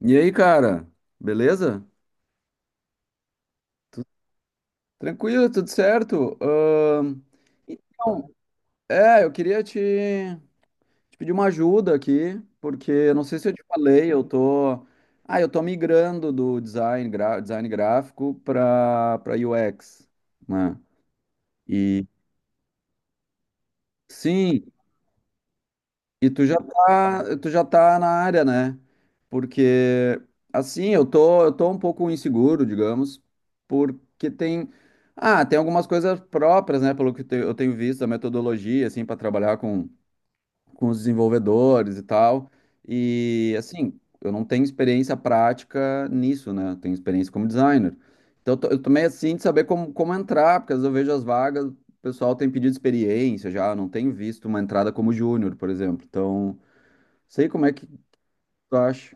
E aí, cara? Beleza? Tranquilo, tudo certo? Então, eu queria te pedir uma ajuda aqui, porque eu não sei se eu te falei, eu tô migrando do design, design gráfico para para UX, né? E sim, tu já tá na área, né? Porque assim, eu tô um pouco inseguro, digamos, porque tem tem algumas coisas próprias, né, pelo que eu tenho visto, a metodologia assim para trabalhar com os desenvolvedores e tal. E assim, eu não tenho experiência prática nisso, né? Eu tenho experiência como designer. Eu tô meio assim de saber como entrar, porque às vezes eu vejo as vagas, o pessoal tem pedido experiência já, eu não tenho visto uma entrada como júnior, por exemplo. Então, sei como é que tu acha.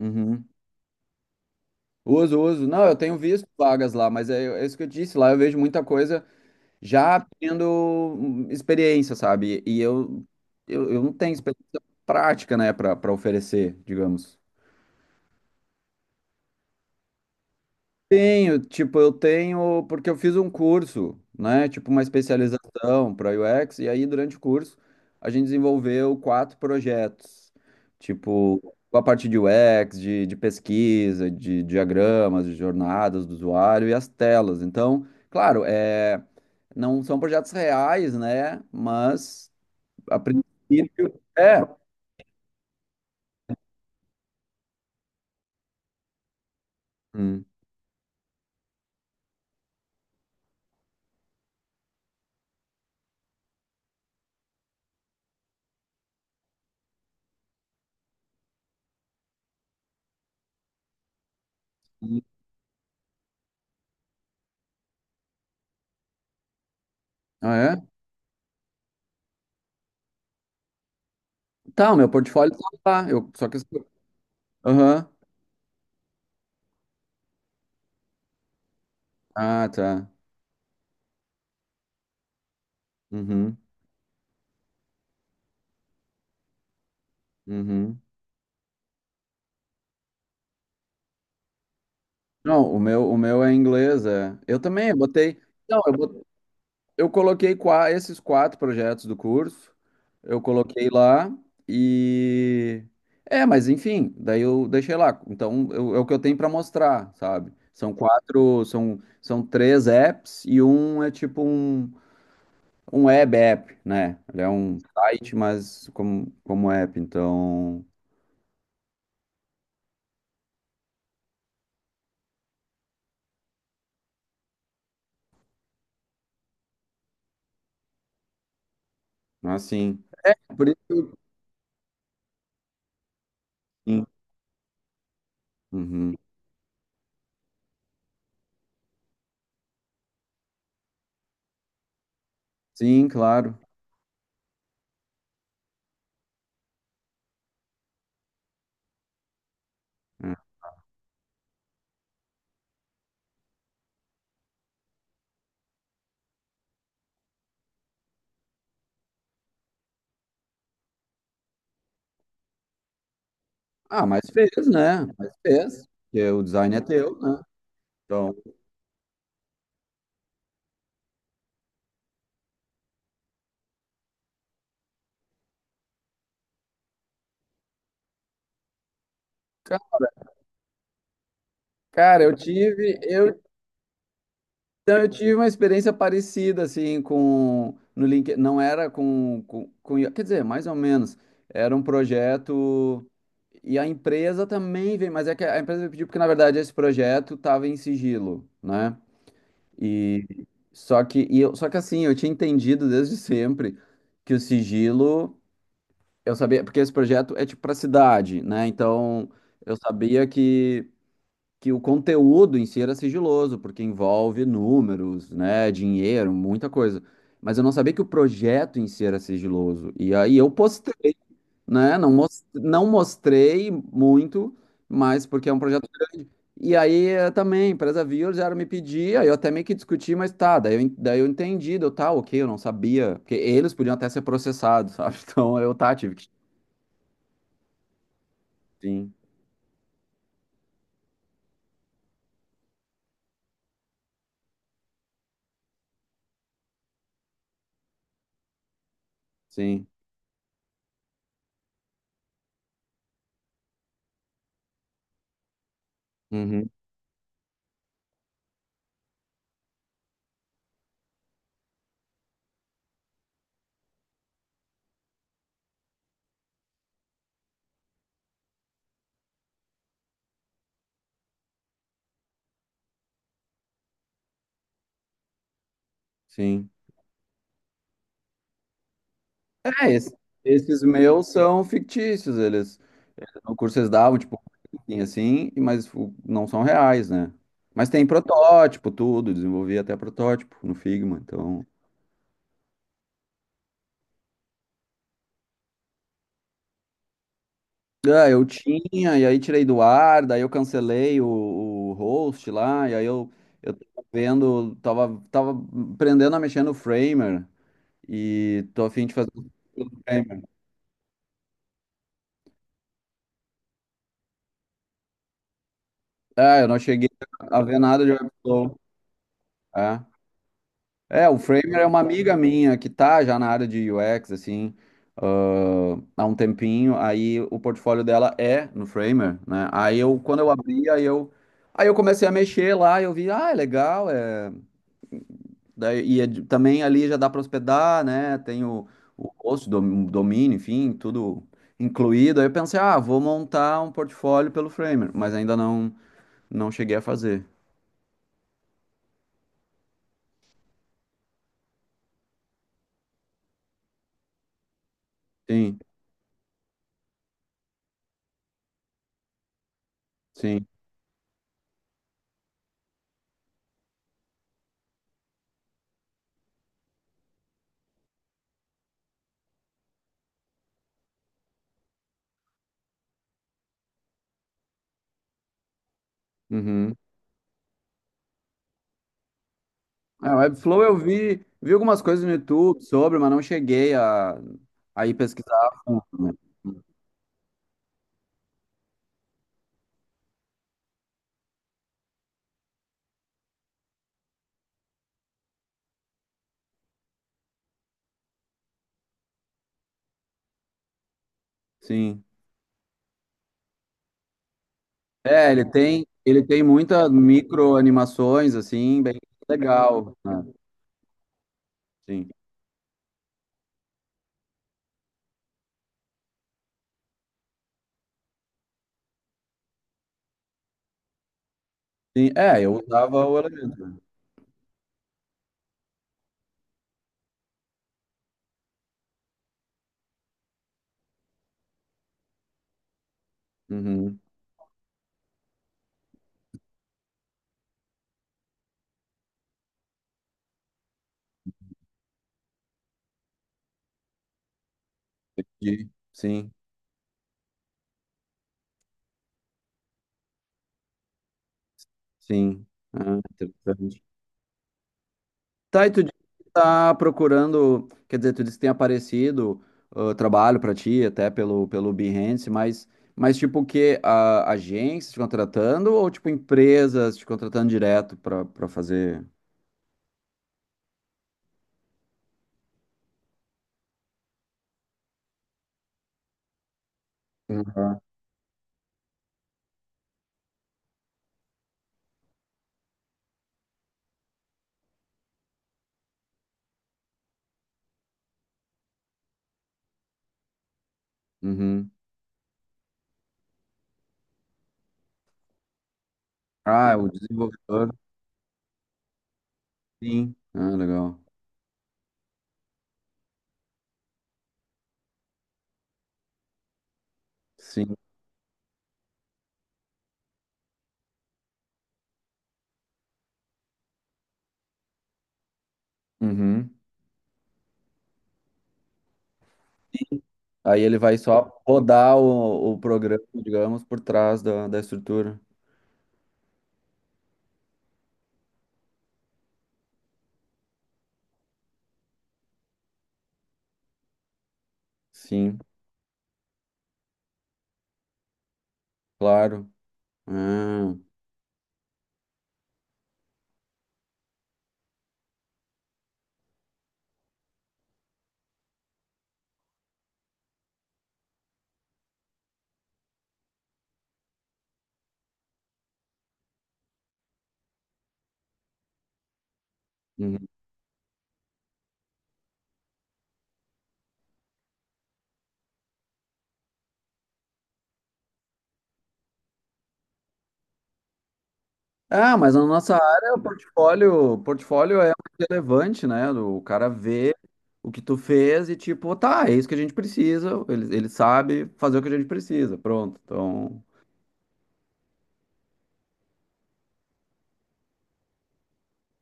Uhum. Uso, uso. Não, eu tenho visto vagas lá, mas é isso que eu disse. Lá eu vejo muita coisa já tendo experiência, sabe? Eu não tenho experiência prática, né, para para oferecer, digamos. Tenho, tipo, eu tenho, porque eu fiz um curso, né? Tipo, uma especialização para UX, e aí durante o curso a gente desenvolveu quatro projetos, tipo, com a parte de UX, de pesquisa, de diagramas, de jornadas do usuário e as telas. Então, claro, é, não são projetos reais, né? Mas a princípio é. Hum. Ah, é? Tá, o meu portfólio tá lá. Eu, só que. Aham. Ah, tá. Uhum. Uhum. Não, o meu é inglês, é. Eu também, eu botei. Não, eu coloquei esses quatro projetos do curso, eu coloquei lá e. É, mas enfim, daí eu deixei lá. Então, é o que eu tenho para mostrar, sabe? São quatro, são três apps e um é tipo um, um web app, né? Ele é um site, mas como, como app, então, assim. Por isso. Sim, uhum. Sim, claro. Ah, mas fez, né? Mas fez. Porque o design é teu, né? Então, ca- cara, eu tive, eu, então eu tive uma experiência parecida assim com no LinkedIn, não era com I A, quer dizer, mais ou menos, era um projeto e a empresa também veio, mas é que a empresa me pediu porque na verdade esse projeto estava em sigilo, né? E só que assim, eu tinha entendido desde sempre que o sigilo eu sabia, porque esse projeto é tipo para cidade, né? Então, eu sabia que o conteúdo em si era sigiloso, porque envolve números, né? Dinheiro, muita coisa. Mas eu não sabia que o projeto em si era sigiloso. E aí eu postei, né? Não, não mostrei muito, mas porque é um projeto. E aí também, a empresa viu, já me pedia, eu até meio que discuti, mas tá, daí eu entendi, deu tá, ok, eu não sabia. Porque eles podiam até ser processados, sabe? Então tive que. Sim, sim. Uhum, sim. É, esses meus são fictícios, eles, no curso eles davam, tipo, assim, e- mas o- não são reais, né? Mas tem protótipo, tudo, desenvolvi até protótipo no Figma, então... Ah, eu tinha, e aí tirei do ar, daí eu cancelei o host lá, e aí eu, tava aprendendo a mexer no Framer, e tô a fim de fazer um Framer. Ah, eu não cheguei a ver nada de Webflow, é. É, o Framer é uma amiga minha que tá já na área de UX, assim, há um tempinho. Aí o portfólio dela é no Framer, né? Aí eu, quando eu abri, aí eu comecei a mexer lá, eu vi, ah, é legal, é... Daí, e é também ali já dá para hospedar, né? Tem o host, domínio, enfim, tudo incluído. Aí eu pensei, ah, vou montar um portfólio pelo Framer, mas ainda não, não cheguei a fazer. Sim, sim. Uhum. É, o Webflow eu vi, vi algumas coisas no YouTube sobre, mas não cheguei a ir pesquisar a fundo, né? Sim. É, ele tem muitas micro animações, assim, bem legal, né? Sim. Sim. É, eu usava o elemento, né? Uhum. E- Sim, sim. Ah, interessante. Tá, e tu disse que tá procurando, quer dizer, tu disse que tem aparecido trabalho pra ti, até pelo, pelo Behance, mas tipo o quê? A, agência te contratando ou tipo empresas te contratando direto pra, pra fazer? Uhum. Uhum. Ah, é o desenvolvedor, sim. Ah, legal. Sim. Uhum. Aí ele vai só rodar o programa, digamos, por trás da, da estrutura. Sim, claro. Ah, uhum. Ah, mas na nossa área, o portfólio é mais relevante, né? O cara vê o que tu fez e tipo, tá, é isso que a gente precisa. Ele sabe fazer o que a gente precisa. Pronto. Então,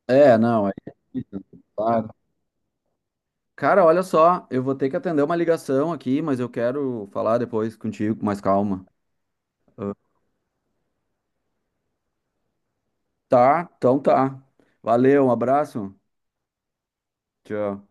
é, não, é isso, claro. Cara, olha só, eu vou ter que atender uma ligação aqui, mas eu quero falar depois contigo com mais calma. Ah, tá, então tá. Valeu, um abraço. Tchau.